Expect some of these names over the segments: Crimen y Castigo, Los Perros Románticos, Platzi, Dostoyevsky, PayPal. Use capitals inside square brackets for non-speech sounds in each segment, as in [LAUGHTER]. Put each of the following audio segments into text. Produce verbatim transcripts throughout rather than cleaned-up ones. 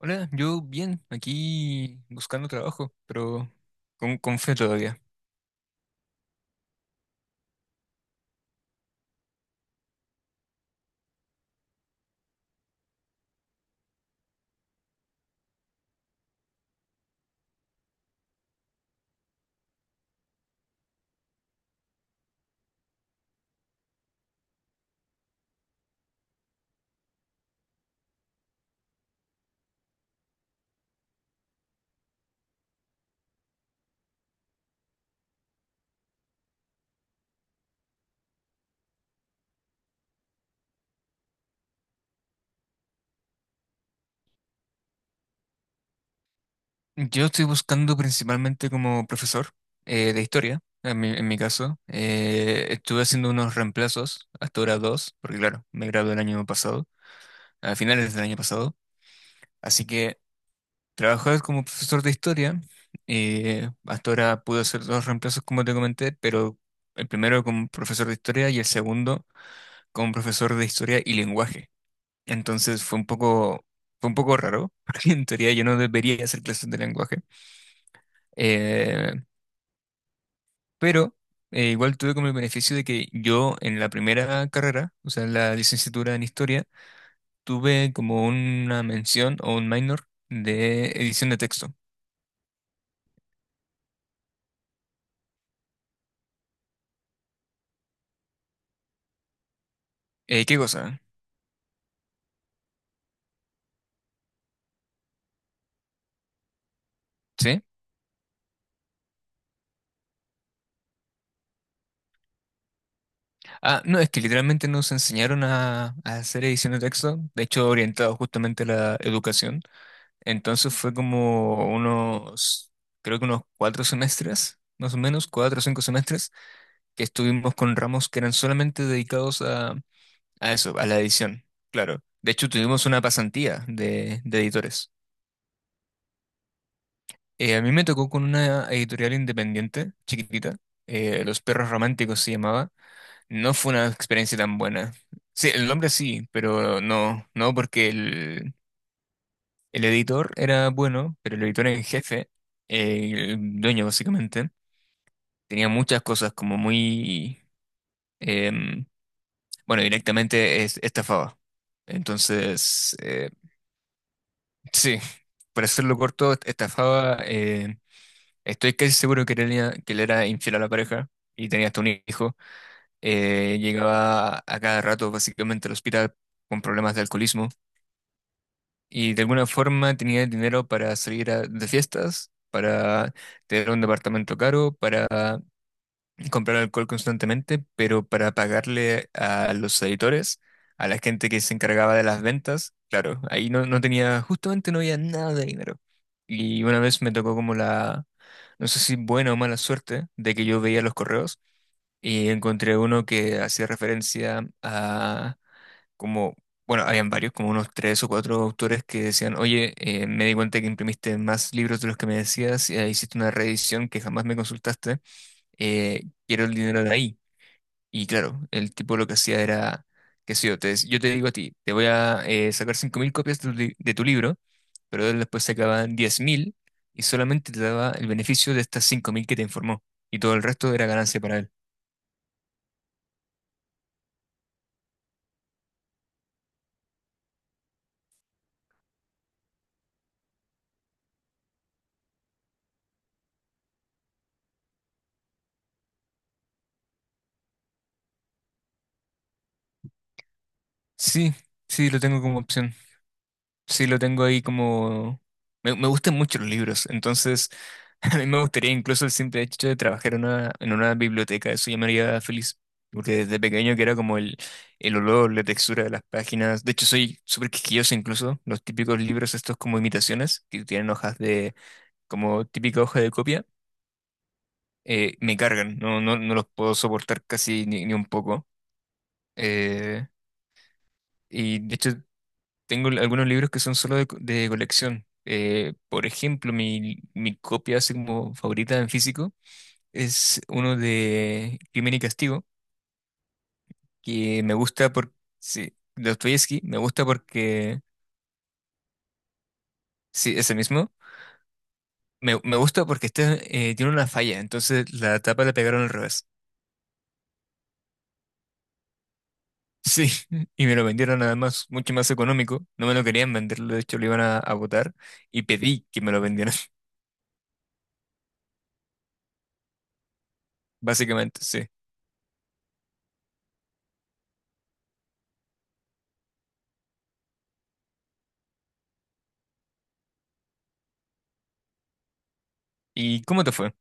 Hola, yo bien, aquí buscando trabajo, pero con, con fe todavía. Yo estoy buscando principalmente como profesor eh, de historia, en mi, en mi caso. Eh, estuve haciendo unos reemplazos, hasta ahora dos, porque claro, me gradué el año pasado, a finales del año pasado. Así que trabajar como profesor de historia, eh, hasta ahora pude hacer dos reemplazos como te comenté, pero el primero como profesor de historia y el segundo como profesor de historia y lenguaje. Entonces fue un poco, fue un poco raro, [LAUGHS] porque en teoría yo no debería hacer clases de lenguaje. Eh, pero eh, igual tuve como el beneficio de que yo en la primera carrera, o sea, en la licenciatura en historia, tuve como una mención o un minor de edición de texto. Eh, ¿qué cosa? ¿Sí? Ah, no, es que literalmente nos enseñaron a, a hacer edición de texto, de hecho orientado justamente a la educación. Entonces fue como unos, creo que unos cuatro semestres, más o menos, cuatro o cinco semestres, que estuvimos con ramos que eran solamente dedicados a, a eso, a la edición, claro. De hecho, tuvimos una pasantía de, de editores. Eh, a mí me tocó con una editorial independiente, chiquitita, eh, Los Perros Románticos se llamaba. No fue una experiencia tan buena. Sí, el nombre sí, pero no, no porque el, El editor era bueno, pero el editor en jefe, eh, el dueño básicamente, tenía muchas cosas como muy, em, bueno, directamente es- estafaba. Entonces, eh, sí, para hacerlo corto, estafaba, eh, estoy casi seguro que, era- que él era infiel a la pareja y tenía hasta un hijo. Eh, llegaba a cada rato básicamente al hospital con problemas de alcoholismo. Y de alguna forma tenía el dinero para salir a- de fiestas, para tener un departamento caro, para comprar alcohol constantemente, pero para pagarle a los editores, a la gente que se encargaba de las ventas, claro, ahí no, no tenía, justamente no había nada de dinero. Y una vez me tocó como la, no sé si buena o mala suerte, de que yo veía los correos y encontré uno que hacía referencia como, bueno, habían varios, como unos tres o cuatro autores que decían, oye, eh, me di cuenta que imprimiste más libros de los que me decías, y hiciste una reedición que jamás me consultaste, eh, quiero el dinero de ahí. Y claro, el tipo lo que hacía era, qué sé yo, te dec- yo te digo a ti, te voy a eh, sacar cinco mil copias de tu, li- de tu libro, pero él después sacaban diez mil y solamente te daba el beneficio de estas cinco mil que te informó, y todo el resto era ganancia para él. Sí, sí, lo tengo como opción. Sí, lo tengo ahí como... Me, me gustan mucho los libros, entonces [LAUGHS] a mí me gustaría incluso el simple hecho de trabajar en una, en una biblioteca, eso ya me haría feliz, porque desde pequeño que era como el, el olor, la textura de las páginas, de hecho soy súper quisquilloso incluso, los típicos libros estos como imitaciones, que tienen hojas de como típica hoja de copia, eh, me cargan, no, no, no los puedo soportar casi ni, ni un poco. eh, y de hecho tengo l- algunos libros que son solo de, co- de colección. Eh, por ejemplo, mi, mi copia así como favorita en físico es uno de Crimen y Castigo, que me gusta por, sí, de Dostoyevsky, me gusta porque, sí, ese mismo, me, me gusta porque este, eh, tiene una falla, entonces la tapa la pegaron al revés. Sí, [LAUGHS] y me lo vendieron además mucho más económico, no me lo querían vender, de hecho lo iban a, a botar y pedí que me lo vendieran, [LAUGHS] básicamente, sí. ¿Y cómo te fue?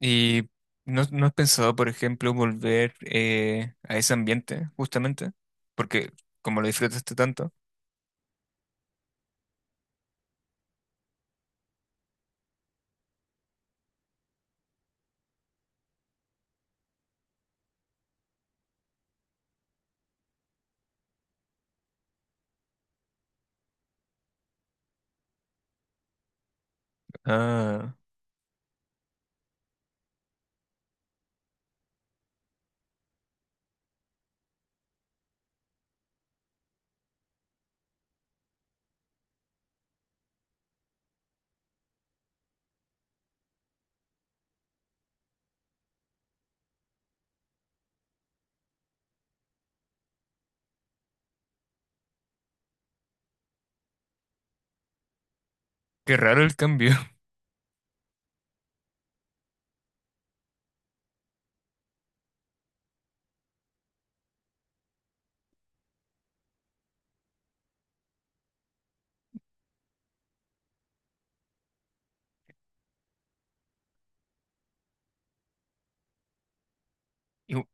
¿Y no, no has pensado, por ejemplo, volver eh, a ese ambiente, justamente? Porque como lo disfrutaste tanto. Ah, qué raro el cambio. [LAUGHS] Igu-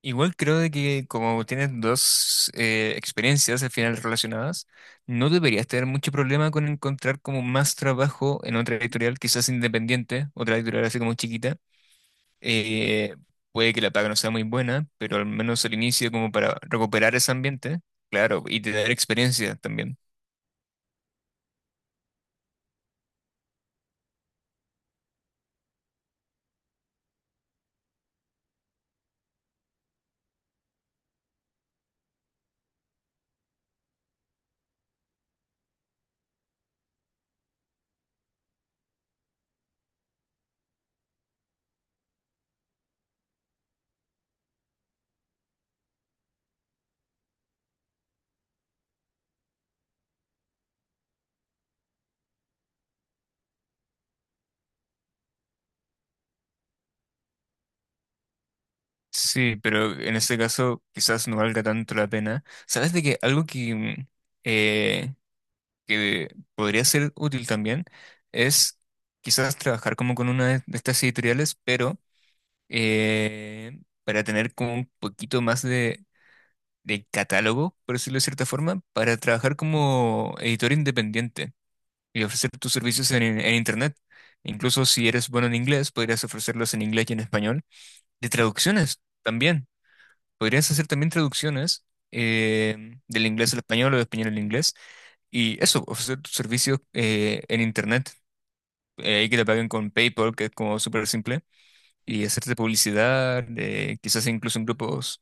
Igual creo de que como tienes dos eh, experiencias al final relacionadas, no deberías tener mucho problema con encontrar como más trabajo en otra editorial, quizás independiente, otra editorial así como chiquita. Eh, Puede que la paga no sea muy buena, pero al menos al inicio como para recuperar ese ambiente, claro, y tener experiencia también. Sí, pero en este caso quizás no valga tanto la pena. ¿Sabes de que algo que, mm, eh, que podría ser útil también es quizás trabajar como con una de de estas editoriales, pero eh, para tener como un poquito más de, de catálogo, por decirlo de cierta forma, para trabajar como editor independiente y ofrecer tus servicios en, en Internet. Incluso si eres bueno en inglés, podrías ofrecerlos en inglés y en español. De traducciones también podrías hacer también traducciones eh, del inglés al español o del español al inglés y eso, ofrecer tus servicios eh, en internet, eh, ahí que te paguen con PayPal, que es como súper simple, y hacerte publicidad, eh, quizás incluso en grupos.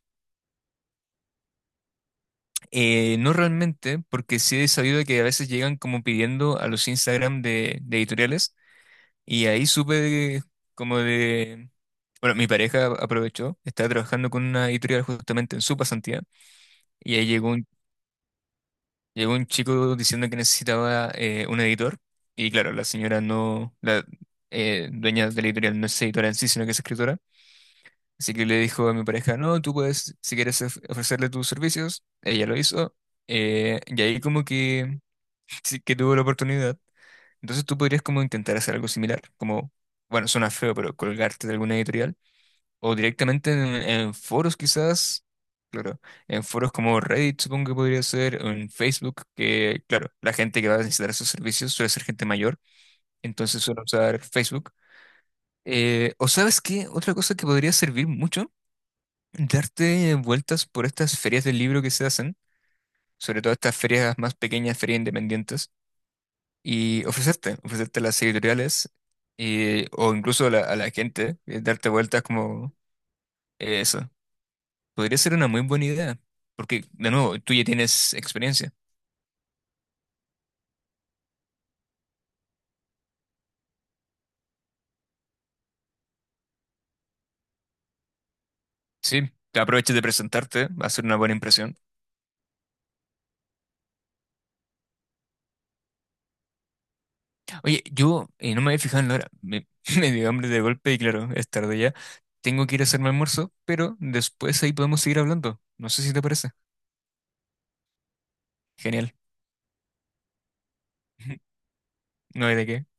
Eh, no realmente, porque sí he sabido que a veces llegan como pidiendo a los Instagram de, de editoriales y ahí supe de- como de... Bueno, mi pareja aprovechó, estaba trabajando con una editorial justamente en su pasantía y ahí llegó un Llegó un chico diciendo que necesitaba eh, un editor y claro, la señora no, la eh, dueña de la editorial no es editora en sí, sino que es escritora. Así que le dijo a mi pareja, no, tú puedes, si quieres of- ofrecerle tus servicios, ella lo hizo eh, y ahí como que, sí que tuvo la oportunidad. Entonces tú podrías como intentar hacer algo similar, como, bueno, suena feo, pero colgarte de alguna editorial o directamente en, en foros quizás, claro, en foros como Reddit supongo que podría ser, o en Facebook, que claro, la gente que va a necesitar esos servicios suele ser gente mayor, entonces suele usar Facebook. Eh, o sabes qué, otra cosa que podría servir mucho, darte vueltas por estas ferias del libro que se hacen, sobre todo estas ferias más pequeñas, ferias independientes, y ofrecerte, ofrecerte a las editoriales, eh, o incluso a la, a la gente, eh, darte vueltas como... eh, Eso. Podría ser una muy buena idea, porque de nuevo, tú ya tienes experiencia. Sí, te aprovechas de presentarte, va a ser una buena impresión. Oye, yo eh, no me había fijado en la hora, me, [LAUGHS] me dio hambre de golpe y claro, es tarde ya. Tengo que ir a hacerme almuerzo, pero después ahí podemos seguir hablando. No sé si te parece. Genial. [LAUGHS] No hay de qué.